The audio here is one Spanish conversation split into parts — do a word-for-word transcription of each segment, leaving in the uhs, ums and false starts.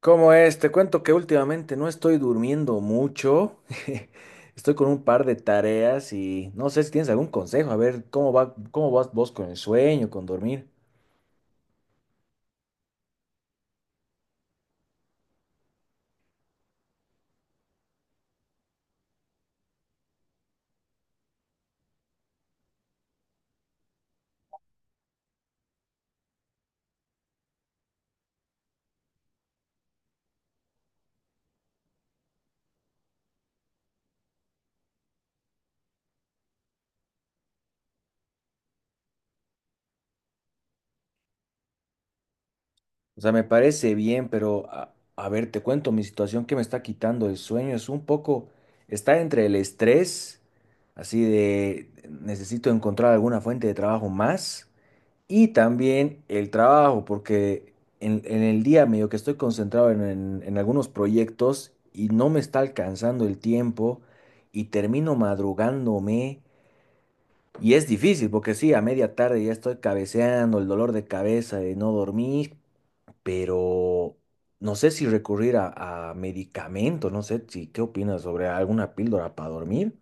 ¿Cómo es? Te cuento que últimamente no estoy durmiendo mucho. Estoy con un par de tareas y no sé si tienes algún consejo. A ver, ¿cómo va, cómo vas vos con el sueño, con dormir? O sea, me parece bien, pero a, a ver, te cuento mi situación que me está quitando el sueño. Es un poco, está entre el estrés, así de necesito encontrar alguna fuente de trabajo más. Y también el trabajo, porque en, en el día medio que estoy concentrado en, en- en algunos proyectos y no me está alcanzando el tiempo y termino madrugándome. Y es difícil, porque sí, a media tarde ya estoy cabeceando, el dolor de cabeza de no dormir, pero no sé si recurrir a, a medicamento, no sé si, ¿qué opinas sobre alguna píldora para dormir?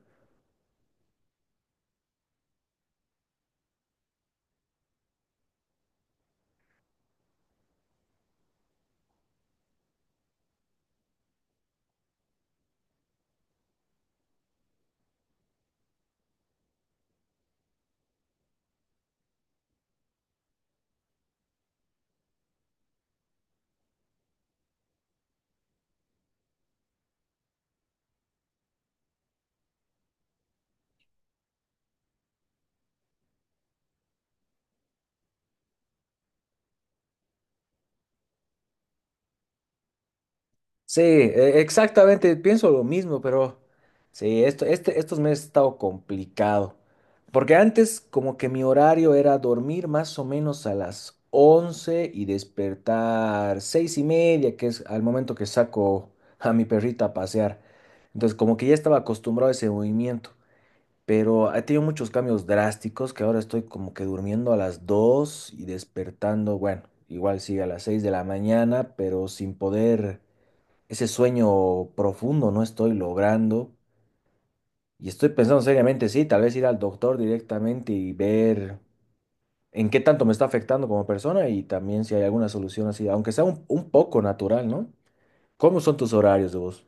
Sí, e- exactamente, pienso lo mismo, pero sí, esto, este, estos meses ha estado complicado. Porque antes como que mi horario era dormir más o menos a las once y despertar seis y media, que es al momento que saco a mi perrita a pasear. Entonces como que ya estaba acostumbrado a ese movimiento, pero ha tenido muchos cambios drásticos que ahora estoy como que durmiendo a las dos y despertando, bueno, igual sí a las seis de la mañana, pero sin poder ese sueño profundo no estoy logrando. Y estoy pensando seriamente, sí, tal vez ir al doctor directamente y ver en qué tanto me está afectando como persona y también si hay alguna solución así, aunque sea un, un poco natural, ¿no? ¿Cómo son tus horarios de vos?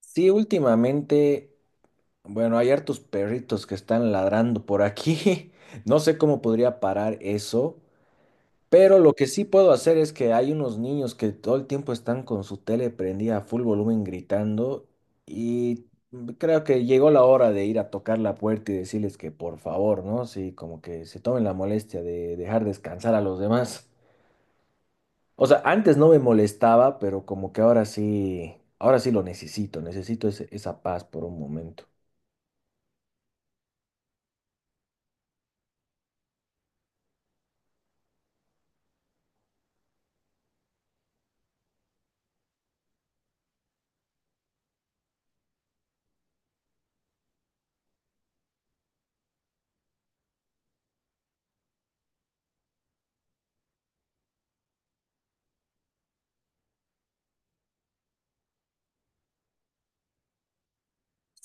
Sí, últimamente, bueno, hay hartos perritos que están ladrando por aquí. No sé cómo podría parar eso. Pero lo que sí puedo hacer es que hay unos niños que todo el tiempo están con su tele prendida a full volumen gritando y creo que llegó la hora de ir a tocar la puerta y decirles que por favor, ¿no? Sí, como que se tomen la molestia de dejar descansar a los demás. O sea, antes no me molestaba, pero como que ahora sí, ahora sí lo necesito, necesito ese- esa paz por un momento.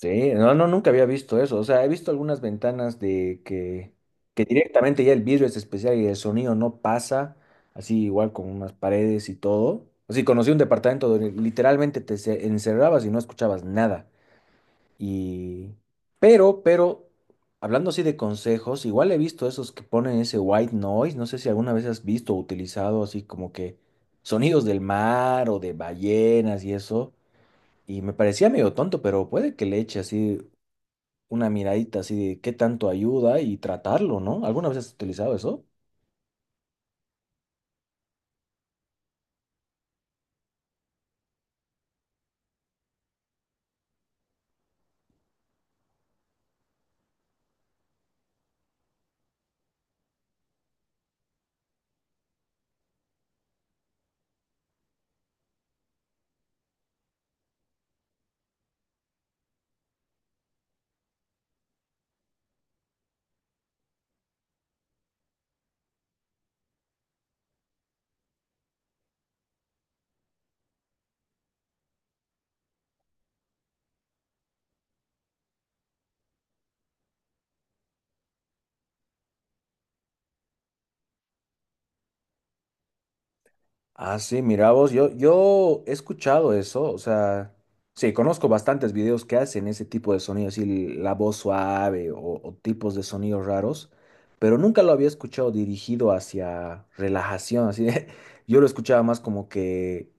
Sí, no, no, nunca había visto eso. O sea, he visto algunas ventanas de que, que directamente ya el vidrio es especial y el sonido no pasa, así igual con unas paredes y todo. Así conocí un departamento donde literalmente te se- encerrabas y no escuchabas nada. Y, pero, pero, hablando así de consejos, igual he visto esos que ponen ese white noise. No sé si alguna vez has visto o utilizado así como que sonidos del mar o de ballenas y eso. Y me parecía medio tonto, pero puede que le eche así una miradita así de qué tanto ayuda y tratarlo, ¿no? ¿Alguna vez has utilizado eso? Ah, sí, mira vos, yo, yo he escuchado eso, o sea, sí, conozco bastantes videos que hacen ese tipo de sonidos, así la voz suave o, o tipos de sonidos raros, pero nunca lo había escuchado dirigido hacia relajación, así de- yo lo escuchaba más como que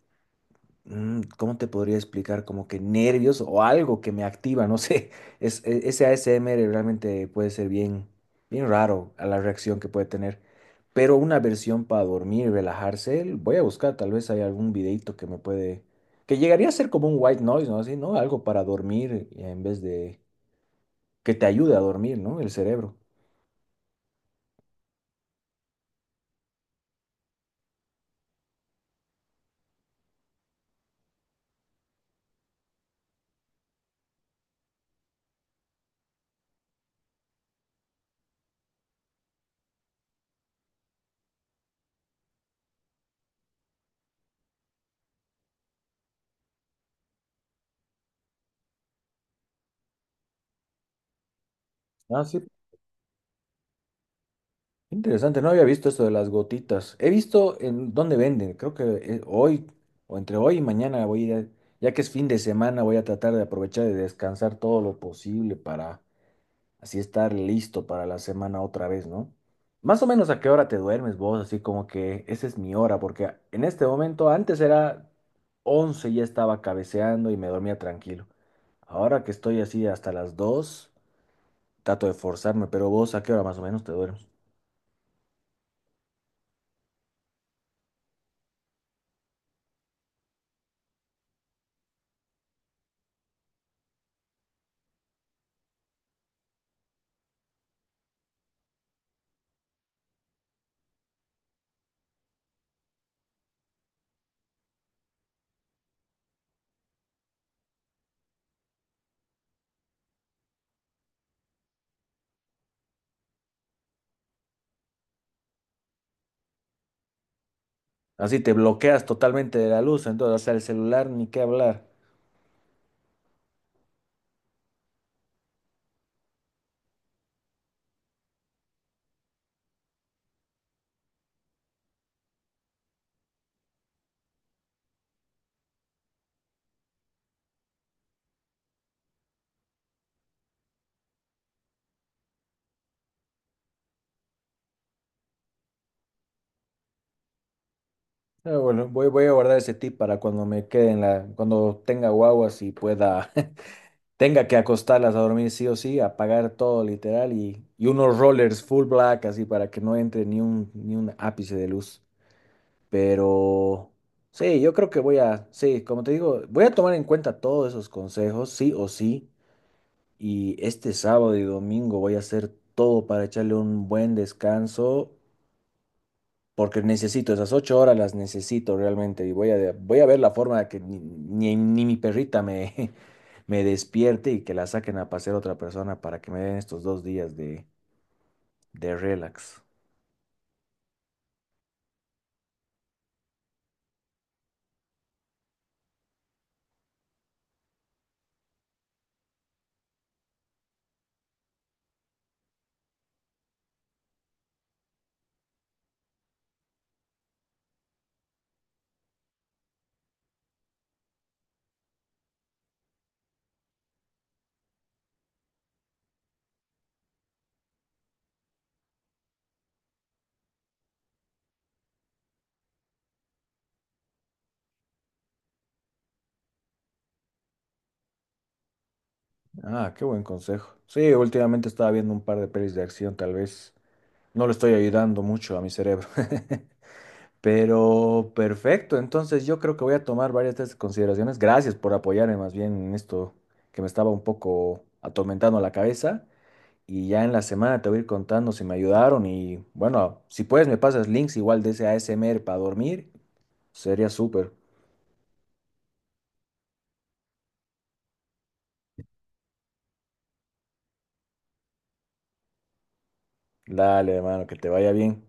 mm, ¿cómo te podría explicar? Como que nervios o algo que me activa, no sé. Es, e- ese A S M R realmente puede ser bien, bien raro a la reacción que puede tener. Pero una versión para dormir y relajarse, l- voy a buscar, tal vez hay algún videito que me puede... Que llegaría a ser como un white noise, ¿no? Así, ¿no? Algo para dormir eh, en vez de... que te ayude a dormir, ¿no? El cerebro. Ah, sí, interesante, no había visto esto de las gotitas. He visto en dónde venden. Creo que eh, hoy o entre hoy y mañana voy a, ya que es fin de semana, voy a tratar de aprovechar de descansar todo lo posible para así estar listo para la semana otra vez, ¿no? Más o menos a qué hora te duermes vos, así como que esa es mi hora, porque en este momento antes era once y ya estaba cabeceando y me dormía tranquilo. Ahora que estoy así hasta las dos trato de forzarme, pero vos a qué hora más o menos te duermes. Así te bloqueas totalmente de la luz, entonces, o sea, el celular ni qué hablar. Pero bueno, voy, voy a guardar ese tip para cuando me quede en la, cuando tenga guaguas y pueda, tenga que acostarlas a dormir sí o sí, apagar todo literal y, y unos rollers full black así para que no entre ni un, ni un ápice de luz. Pero sí, yo creo que voy a, sí, como te digo, voy a tomar en cuenta todos esos consejos, sí o sí. Y este sábado y domingo voy a hacer todo para echarle un buen descanso porque necesito esas ocho horas, las necesito realmente y voy a, voy a ver la forma de que ni, ni- ni mi perrita me, me despierte y que la saquen a pasear a otra persona para que me den estos dos días de, de relax. Ah, qué buen consejo. Sí, últimamente estaba viendo un par de pelis de acción, tal vez no le estoy ayudando mucho a mi cerebro. Pero perfecto, entonces yo creo que voy a tomar varias de estas consideraciones. Gracias por apoyarme más bien en esto que me estaba un poco atormentando la cabeza. Y ya en la semana te voy a ir contando si me ayudaron y bueno, si puedes me pasas links igual de ese A S M R para dormir, sería súper. Dale, hermano, que te vaya bien.